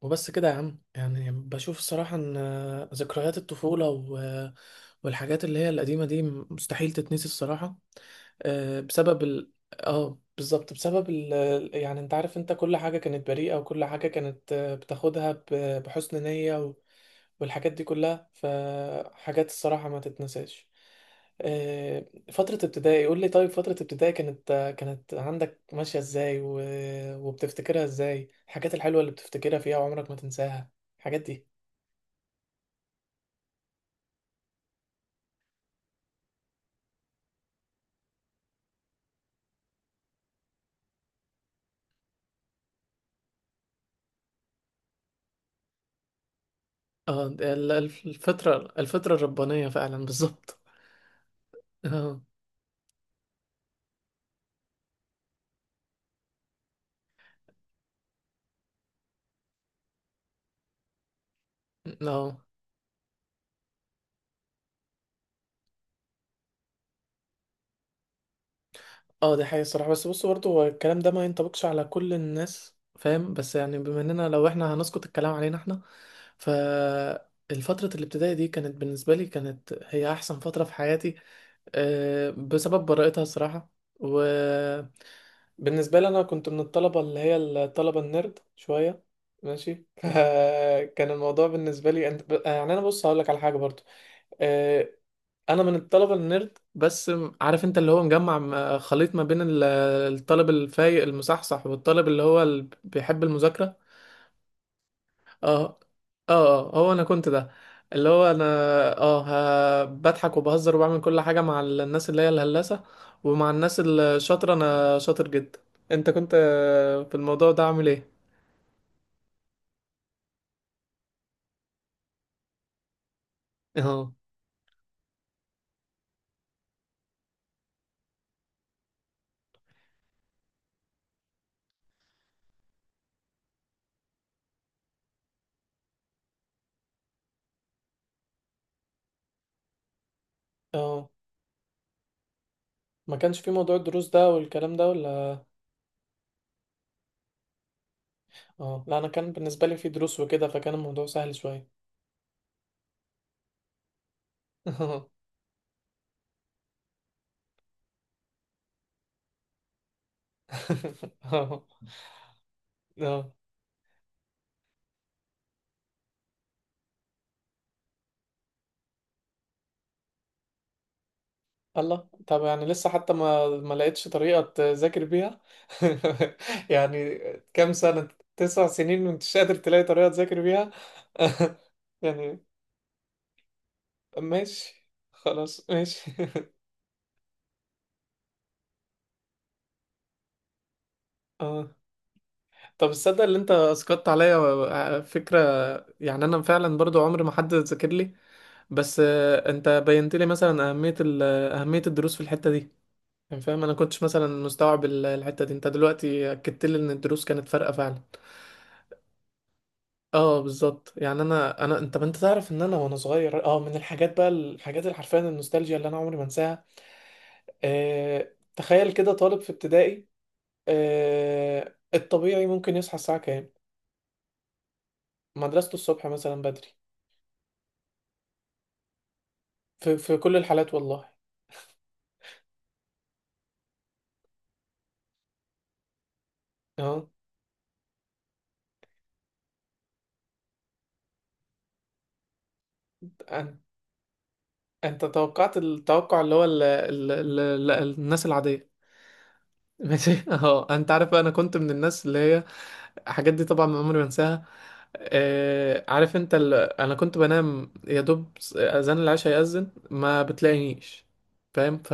وبس كده يا عم يعني بشوف الصراحة ان ذكريات الطفولة والحاجات اللي هي القديمة دي مستحيل تتنسي الصراحة. بسبب ال... اه بالظبط بسبب يعني انت عارف، انت كل حاجة كانت بريئة وكل حاجة كانت بتاخدها بحسن نية والحاجات دي كلها فحاجات الصراحة ما تتنساش. آه، فترة ابتدائي قول لي، طيب فترة ابتدائي كانت عندك ماشية ازاي وبتفتكرها ازاي، الحاجات الحلوة اللي بتفتكرها فيها وعمرك ما تنساها الحاجات دي. اه ده الفترة الربانية فعلا، بالظبط. اه. اه اه دي حقيقة الصراحة، بس بص برضه هو الكلام ده ما ينطبقش على كل الناس، فاهم؟ بس يعني بما اننا لو احنا هنسقط الكلام علينا احنا، فالفترة الابتدائي دي كانت بالنسبة لي، هي أحسن فترة في حياتي. بسبب براءتها الصراحة. وبالنسبة لي أنا كنت من الطلبة اللي هي الطلبة النيرد شوية. ماشي. فكان الموضوع بالنسبة لي أنت يعني، أنا بص هقولك على حاجة برضو. آه، أنا من الطلبة النيرد، بس عارف أنت اللي هو مجمع خليط ما بين الطالب الفايق المصحصح والطالب اللي هو اللي بيحب المذاكرة. اه اه. هو انا كنت ده، اللي هو انا. اه. بضحك وبهزر وبعمل كل حاجة مع الناس اللي هي الهلاسة، ومع الناس الشاطرة انا شاطر جدا. انت كنت في الموضوع ده عامل ايه؟ اه اه. ما كانش في موضوع الدروس ده والكلام ده ولا؟ اه لا، انا كان بالنسبة لي في دروس وكده، فكان الموضوع سهل شوية. اه اه. الله، طب يعني لسه حتى ما لقيتش طريقة تذاكر بيها؟ يعني كام سنة؟ 9 سنين وانت مش قادر تلاقي طريقة تذاكر بيها؟ يعني ماشي، خلاص ماشي. اه. طب تصدق اللي انت اسقطت عليا فكرة؟ يعني انا فعلا برضو عمري ما حد ذاكر لي. بس انت بينت لي مثلا اهمية اهمية الدروس في الحتة دي. يعني فاهم، انا كنتش مثلا مستوعب الحتة دي. انت دلوقتي اكدت لي ان الدروس كانت فارقة فعلا. اه بالظبط. يعني انا انت، ما انت تعرف ان انا، وانا صغير اه، من الحاجات بقى، الحاجات اللي حرفيا النوستالجيا اللي انا عمري ما انساها. آه تخيل كده، طالب في ابتدائي. آه الطبيعي ممكن يصحى الساعه كام؟ مدرسته الصبح مثلا بدري. في كل الحالات والله. اه أن- انت توقعت التوقع اللي هو ال الناس العاديه. ماشي. اه انت عارف بقى، انا كنت من الناس اللي هي الحاجات دي طبعا ما عمري ما انساها. آه عارف انت انا كنت بنام يا دوب، اذان العشاء يأذن ما بتلاقينيش. فاهم؟ ف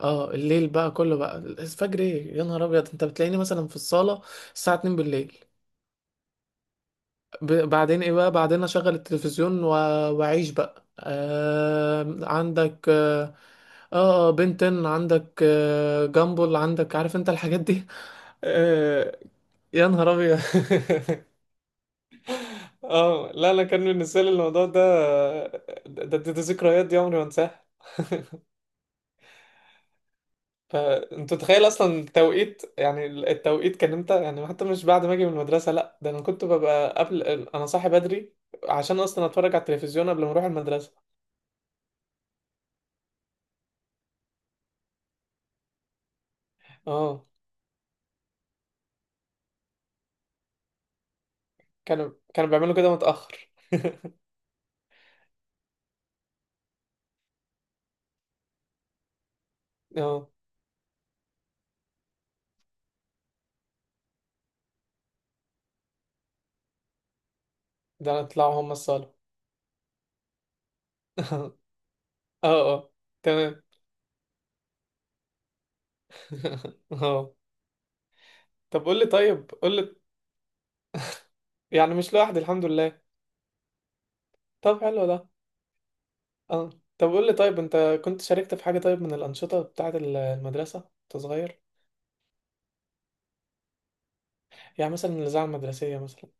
اه الليل بقى كله، بقى الفجر ايه يا نهار ابيض، انت بتلاقيني مثلا في الصالة الساعة 2 بالليل. بعدين ايه بقى؟ بعدين اشغل التلفزيون واعيش بقى. آه عندك اه، بنتن عندك، آه جامبل عندك، عارف انت الحاجات دي. آه يا نهار ابيض. اه لا لا، كان بالنسبه لي الموضوع ده، ده ذكريات دي عمري ما انساها. فانت تتخيل اصلا التوقيت، يعني التوقيت كان امتى؟ يعني حتى مش بعد ما اجي من المدرسه، لا ده انا كنت ببقى قبل، انا صاحي بدري عشان اصلا اتفرج على التلفزيون قبل ما اروح المدرسه. اه. كانوا بيعملوا كده متأخر. اه، ده طلعوا هم الصالة. اه اه تمام. اه. طب قول لي طيب، قول لي. يعني مش لوحدي، الحمد لله. طب حلو ده. اه. طب قول لي طيب، انت كنت شاركت في حاجة طيب من الأنشطة بتاعة المدرسة وانت صغير؟ يعني مثلا الإذاعة المدرسية مثلا.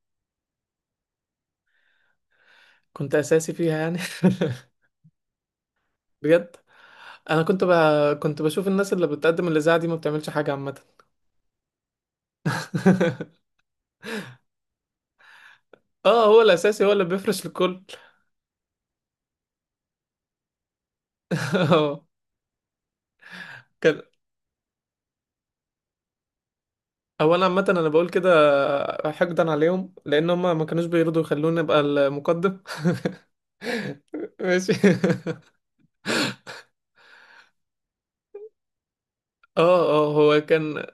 كنت أساسي فيها يعني؟ بجد؟ انا كنت كنت بشوف الناس اللي بتقدم الاذاعه دي ما بتعملش حاجه عامه. اه هو الاساسي هو اللي بيفرش للكل. اه كان، اولا عامه انا بقول كده حقدا عليهم، لان هم ما كانوش بيرضوا يخلوني ابقى المقدم. ماشي. اه اه هو كان.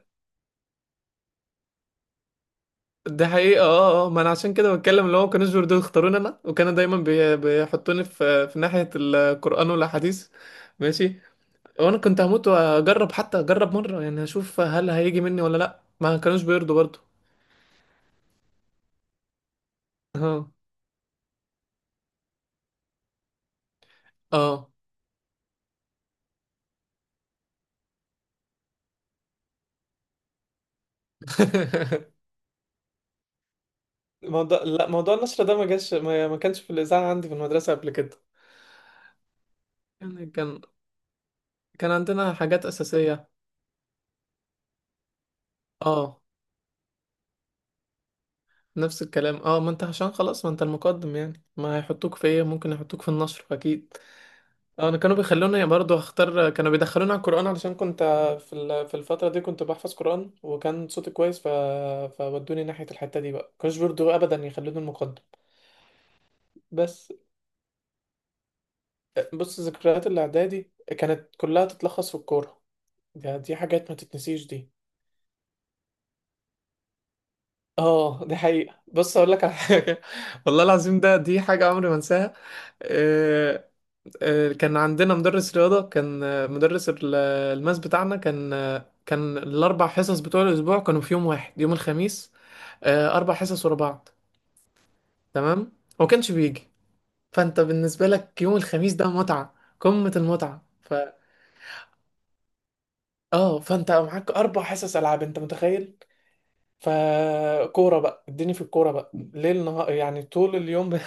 ده حقيقة اه اه، ما انا عشان كده بتكلم، اللي هو ما كانوش بيرضوا يختاروني انا، وكانوا دايما بيحطوني في ناحية القرآن والاحاديث. ماشي. وانا كنت هموت واجرب، حتى اجرب مرة يعني، اشوف هل هيجي مني ولا لا، ما كانوش بيرضوا برضه. اه اه. موضوع، لا موضوع النشر ده ما جاش، ما كانش في الإذاعة عندي في المدرسة قبل كده. يعني كان عندنا حاجات أساسية. اه نفس الكلام. اه ما انت عشان خلاص، ما انت المقدم يعني، ما هيحطوك في ايه؟ ممكن يحطوك في النشر اكيد. اه انا كانوا بيخلوني برضه اختار، كانوا بيدخلوني على القرآن علشان كنت في في الفترة دي كنت بحفظ قرآن وكان صوتي كويس فودوني ناحية الحتة دي بقى، كانوش برضه ابدا يخلوني المقدم. بس بص، ذكريات الاعدادي كانت كلها تتلخص في الكورة. دي حاجات ما تتنسيش دي. اه دي حقيقة، بص اقول لك على حاجة. والله العظيم ده، دي حاجة عمري ما انساها. آه، كان عندنا مدرس رياضة، كان مدرس الماس بتاعنا، كان كان ال4 حصص بتوع الأسبوع كانوا في يوم واحد، يوم الخميس. 4 حصص ورا بعض. تمام. هو كانش بيجي، فأنت بالنسبة لك يوم الخميس ده متعة، قمة المتعة ف اه فأنت معاك 4 حصص ألعاب، أنت متخيل؟ فكورة بقى، اديني في الكورة بقى ليل نهار يعني طول اليوم.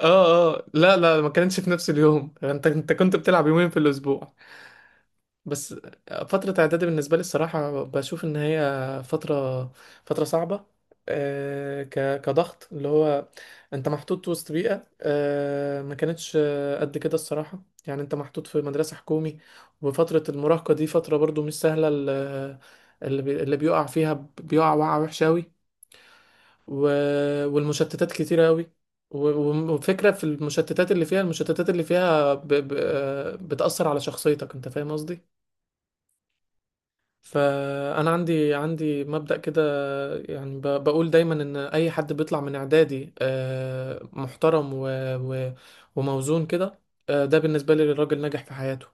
اه اه لا لا، ما كانتش في نفس اليوم، انت كنت بتلعب يومين في الاسبوع. بس فترة اعدادي بالنسبة لي الصراحة بشوف ان هي فترة، فترة صعبة. ك كضغط اللي هو انت محطوط وسط بيئة، ما كانتش قد كده الصراحة، يعني انت محطوط في مدرسة حكومي وفترة المراهقة دي فترة برضو مش سهلة. اللي بيقع فيها بيقع وقعة وحشة أوي. و... والمشتتات كتيرة قوي. وفكرة في المشتتات اللي فيها، المشتتات اللي فيها ب... ب... آه، بتأثر على شخصيتك انت، فاهم قصدي؟ فأنا عندي مبدأ كده يعني، بقول دايما ان اي حد بيطلع من اعدادي محترم و... وموزون كده. ده بالنسبة لي الراجل ناجح في حياته.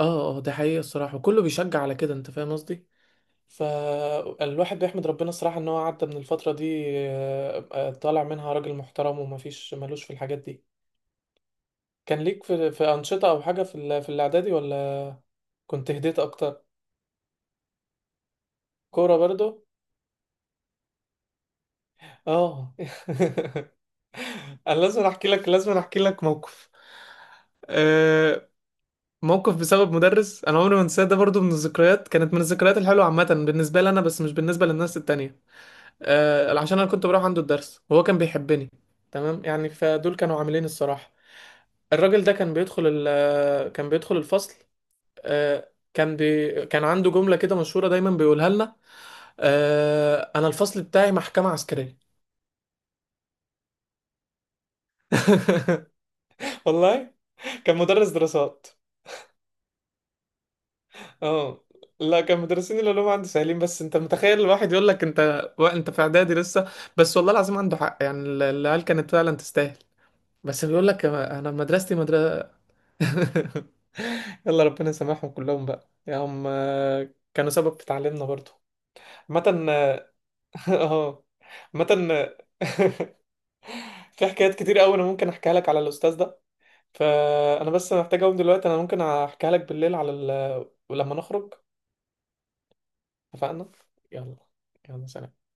اه اه ده حقيقي الصراحة، وكله بيشجع على كده انت فاهم قصدي. فالواحد بيحمد ربنا الصراحة ان هو عدى من الفترة دي، طالع منها راجل محترم، ومفيش ملوش في الحاجات دي. كان ليك في, في أنشطة او حاجة في في الاعدادي ولا كنت هديت اكتر؟ كورة برضو. اه. انا لازم احكي لك، لازم احكي لك موقف. آه، موقف بسبب مدرس انا عمري ما انساه، ده برضو من الذكريات، كانت من الذكريات الحلوة عامة بالنسبة لي انا، بس مش بالنسبة للناس التانية. عشان انا كنت بروح عنده الدرس وهو كان بيحبني. تمام يعني، فدول كانوا عاملين الصراحة. الراجل ده كان بيدخل الفصل. آه، كان عنده جملة كده مشهورة دايما بيقولها لنا، انا الفصل بتاعي محكمة عسكرية. والله. كان مدرس دراسات. اه لا، كان مدرسين العلوم عندي سهلين، بس انت متخيل الواحد يقول لك انت انت في اعدادي لسه؟ بس والله العظيم عنده حق، يعني العيال كانت فعلا تستاهل. بس بيقول لك انا مدرستي مدرسة. يلا ربنا يسامحهم كلهم بقى، يا هم كانوا سبب في تعليمنا برضو. عامة. اه آه، عامة. آه، في حكايات كتير قوي، انا ممكن احكيها لك على الاستاذ ده. فانا بس محتاج اقوم دلوقتي، انا ممكن احكيها لك بالليل على لما نخرج. اتفقنا. يلا. يلا سلام.